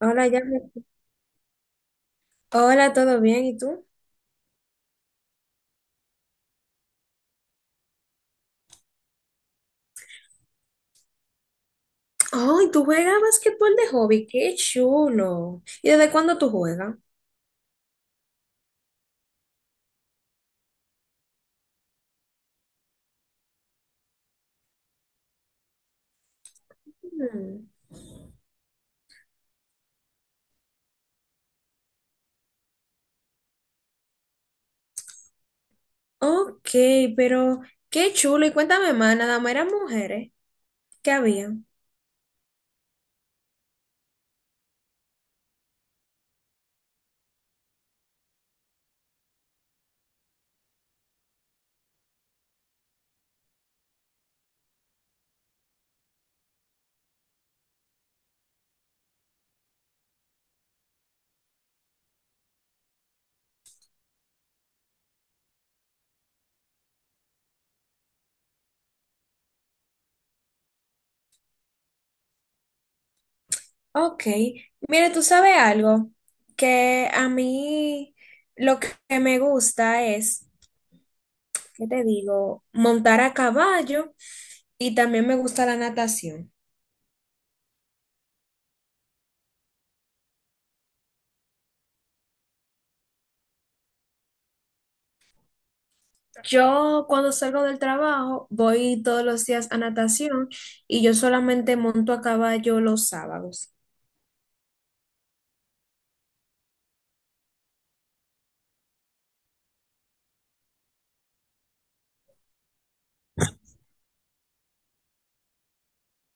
Hola, ya. Hola, ¿todo bien? ¿Y tú? Ay, tú juegas basquetbol de hobby, qué chulo. ¿Y desde cuándo tú juegas? Mm. Ok, pero qué chulo. Y cuéntame más, nada más eran mujeres. ¿Qué había? Ok, mire, tú sabes algo que a mí lo que me gusta es, ¿qué te digo? Montar a caballo y también me gusta la natación. Yo cuando salgo del trabajo voy todos los días a natación y yo solamente monto a caballo los sábados.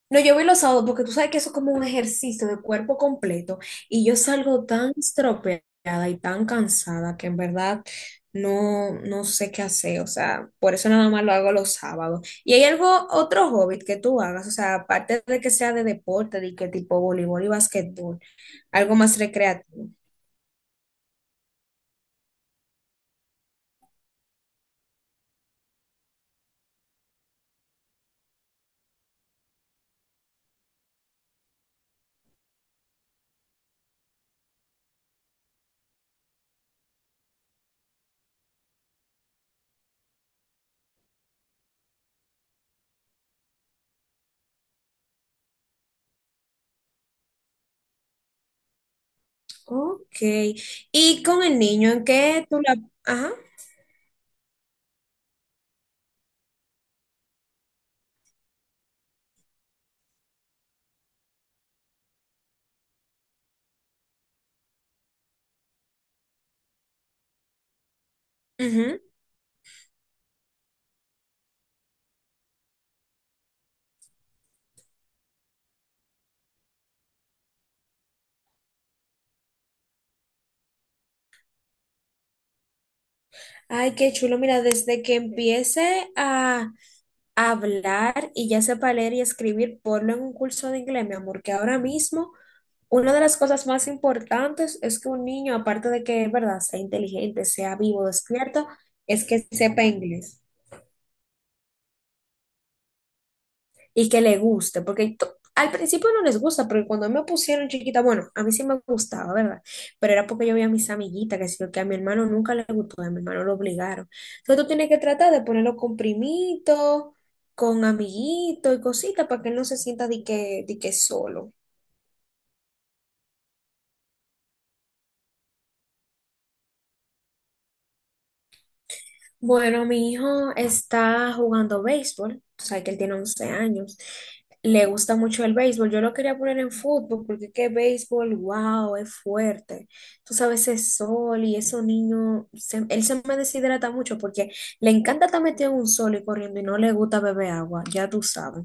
No, yo voy los sábados porque tú sabes que eso es como un ejercicio de cuerpo completo y yo salgo tan estropeada y tan cansada que en verdad no, no sé qué hacer. O sea, por eso nada más lo hago los sábados. ¿Y hay algo, otro hobby que tú hagas? O sea, aparte de que sea de deporte, de que tipo voleibol y basquetbol, algo más recreativo. Ok. Y con el niño, ¿en qué tú la... Ajá. Ujú. Ay, qué chulo. Mira, desde que empiece a hablar y ya sepa leer y escribir, ponlo en un curso de inglés, mi amor, que ahora mismo una de las cosas más importantes es que un niño, aparte de que, verdad, sea inteligente, sea vivo, despierto, es que sepa inglés. Y que le guste, porque al principio no les gusta, porque cuando me pusieron chiquita, bueno, a mí sí me gustaba, ¿verdad? Pero era porque yo veía a mis amiguitas, que sí, que a mi hermano nunca le gustó, a mi hermano lo obligaron. Entonces tú tienes que tratar de ponerlo con primitos, con amiguitos y cositas para que él no se sienta de que solo. Bueno, mi hijo está jugando béisbol, o sea que él tiene 11 años. Le gusta mucho el béisbol. Yo lo quería poner en fútbol porque qué béisbol, wow, es fuerte. Tú sabes, es sol y esos niños, él se me deshidrata mucho porque le encanta estar metido en un sol y corriendo y no le gusta beber agua, ya tú sabes.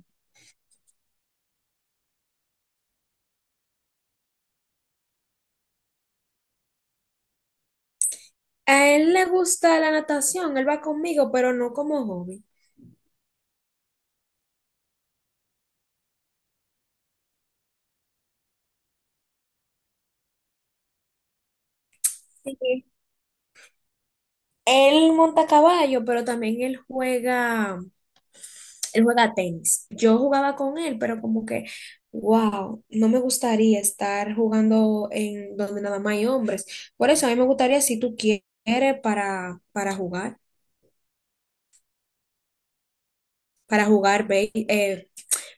A él le gusta la natación, él va conmigo, pero no como hobby. Sí. Él monta caballo, pero también él juega. Él juega tenis. Yo jugaba con él, pero como que, wow, no me gustaría estar jugando en donde nada más hay hombres. Por eso a mí me gustaría, si tú quieres, para jugar, para jugar,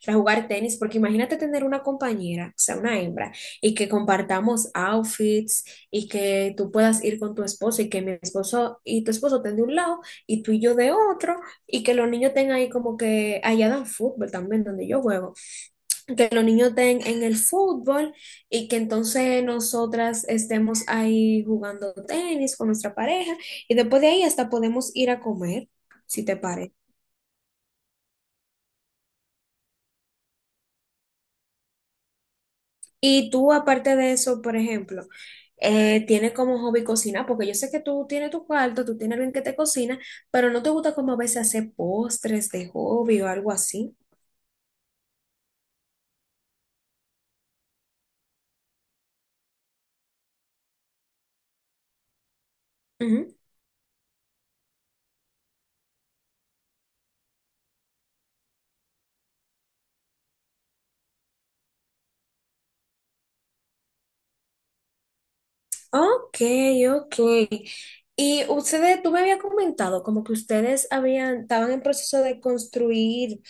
para jugar tenis, porque imagínate tener una compañera, o sea, una hembra, y que compartamos outfits y que tú puedas ir con tu esposo y que mi esposo y tu esposo estén de un lado y tú y yo de otro y que los niños tengan ahí como que allá dan fútbol también donde yo juego. Que los niños den en el fútbol y que entonces nosotras estemos ahí jugando tenis con nuestra pareja y después de ahí hasta podemos ir a comer, si te parece. Y tú, aparte de eso, por ejemplo, tienes como hobby cocinar, porque yo sé que tú tienes tu cuarto, tú tienes alguien que te cocina, pero no te gusta como a veces hacer postres de hobby o algo así. Ok, ok. Y ustedes, tú me habías comentado como que ustedes habían, estaban en proceso de construir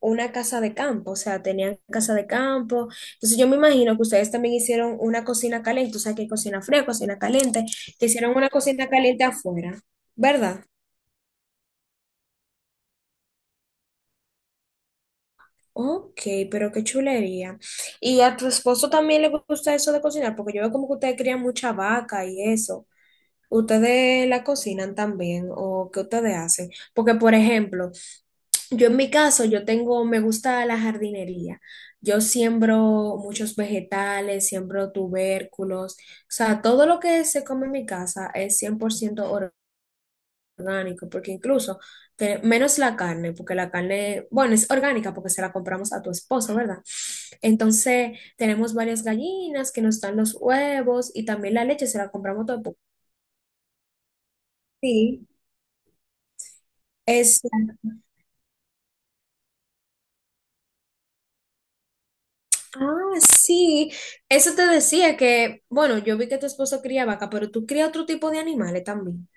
una casa de campo, o sea, tenían casa de campo. Entonces yo me imagino que ustedes también hicieron una cocina caliente, o sea, que hay cocina fría, cocina caliente, que hicieron una cocina caliente afuera, ¿verdad? Ok, pero qué chulería. ¿Y a tu esposo también le gusta eso de cocinar? Porque yo veo como que ustedes crían mucha vaca y eso. ¿Ustedes la cocinan también o qué ustedes hacen? Porque, por ejemplo, yo en mi caso, yo tengo, me gusta la jardinería. Yo siembro muchos vegetales, siembro tubérculos. O sea, todo lo que se come en mi casa es 100% orgánico, porque incluso, menos la carne, porque la carne, bueno, es orgánica porque se la compramos a tu esposo, ¿verdad? Entonces, tenemos varias gallinas que nos dan los huevos y también la leche se la compramos todo. Sí. Ah, sí, eso te decía que, bueno, yo vi que tu esposo cría vaca, pero tú crías otro tipo de animales también.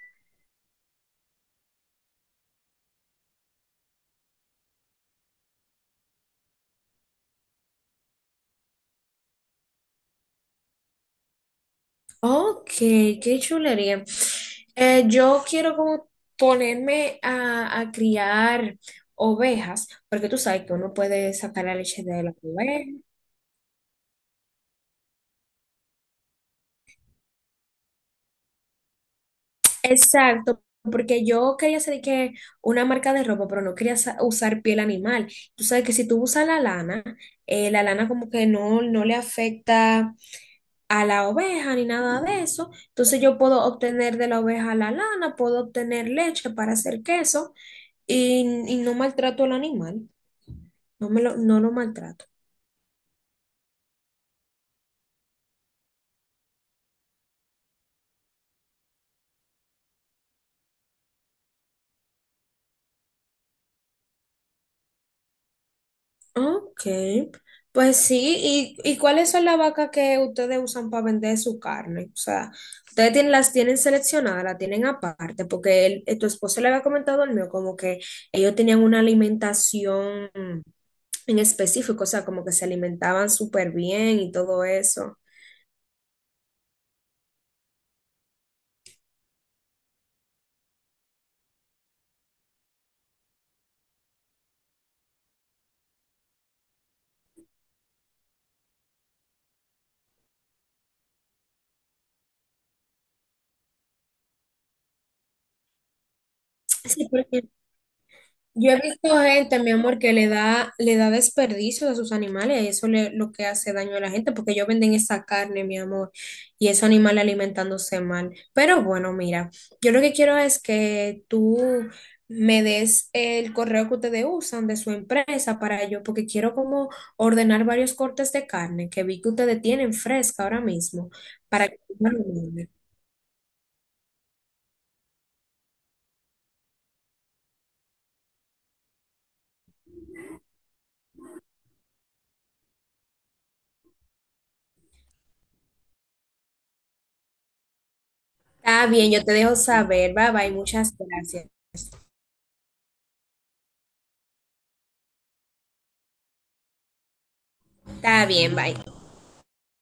Ok, qué chulería. Yo quiero como ponerme a criar ovejas, porque tú sabes que uno puede sacar la leche de la oveja. Exacto, porque yo quería hacer de que una marca de ropa, pero no quería usar piel animal. Tú sabes que si tú usas la lana como que no, no le afecta a la oveja ni nada de eso. Entonces yo puedo obtener de la oveja la lana, puedo obtener leche para hacer queso y no maltrato al animal, no me lo, no lo maltrato. Okay, pues sí, y cuáles son las vacas que ustedes usan para vender su carne? O sea, ustedes tienen, las tienen seleccionadas, las tienen aparte, porque tu esposo le había comentado al mío como que ellos tenían una alimentación en específico, o sea, como que se alimentaban súper bien y todo eso. Sí. Yo he visto gente, mi amor, que le da desperdicio a sus animales y eso le, lo que hace daño a la gente, porque ellos venden esa carne, mi amor, y esos animales alimentándose mal. Pero bueno, mira, yo lo que quiero es que tú me des el correo que ustedes usan de su empresa para yo, porque quiero como ordenar varios cortes de carne que vi que ustedes tienen fresca ahora mismo, para que... Está bien, yo te dejo saber, bye bye, muchas gracias. Está bien, bye.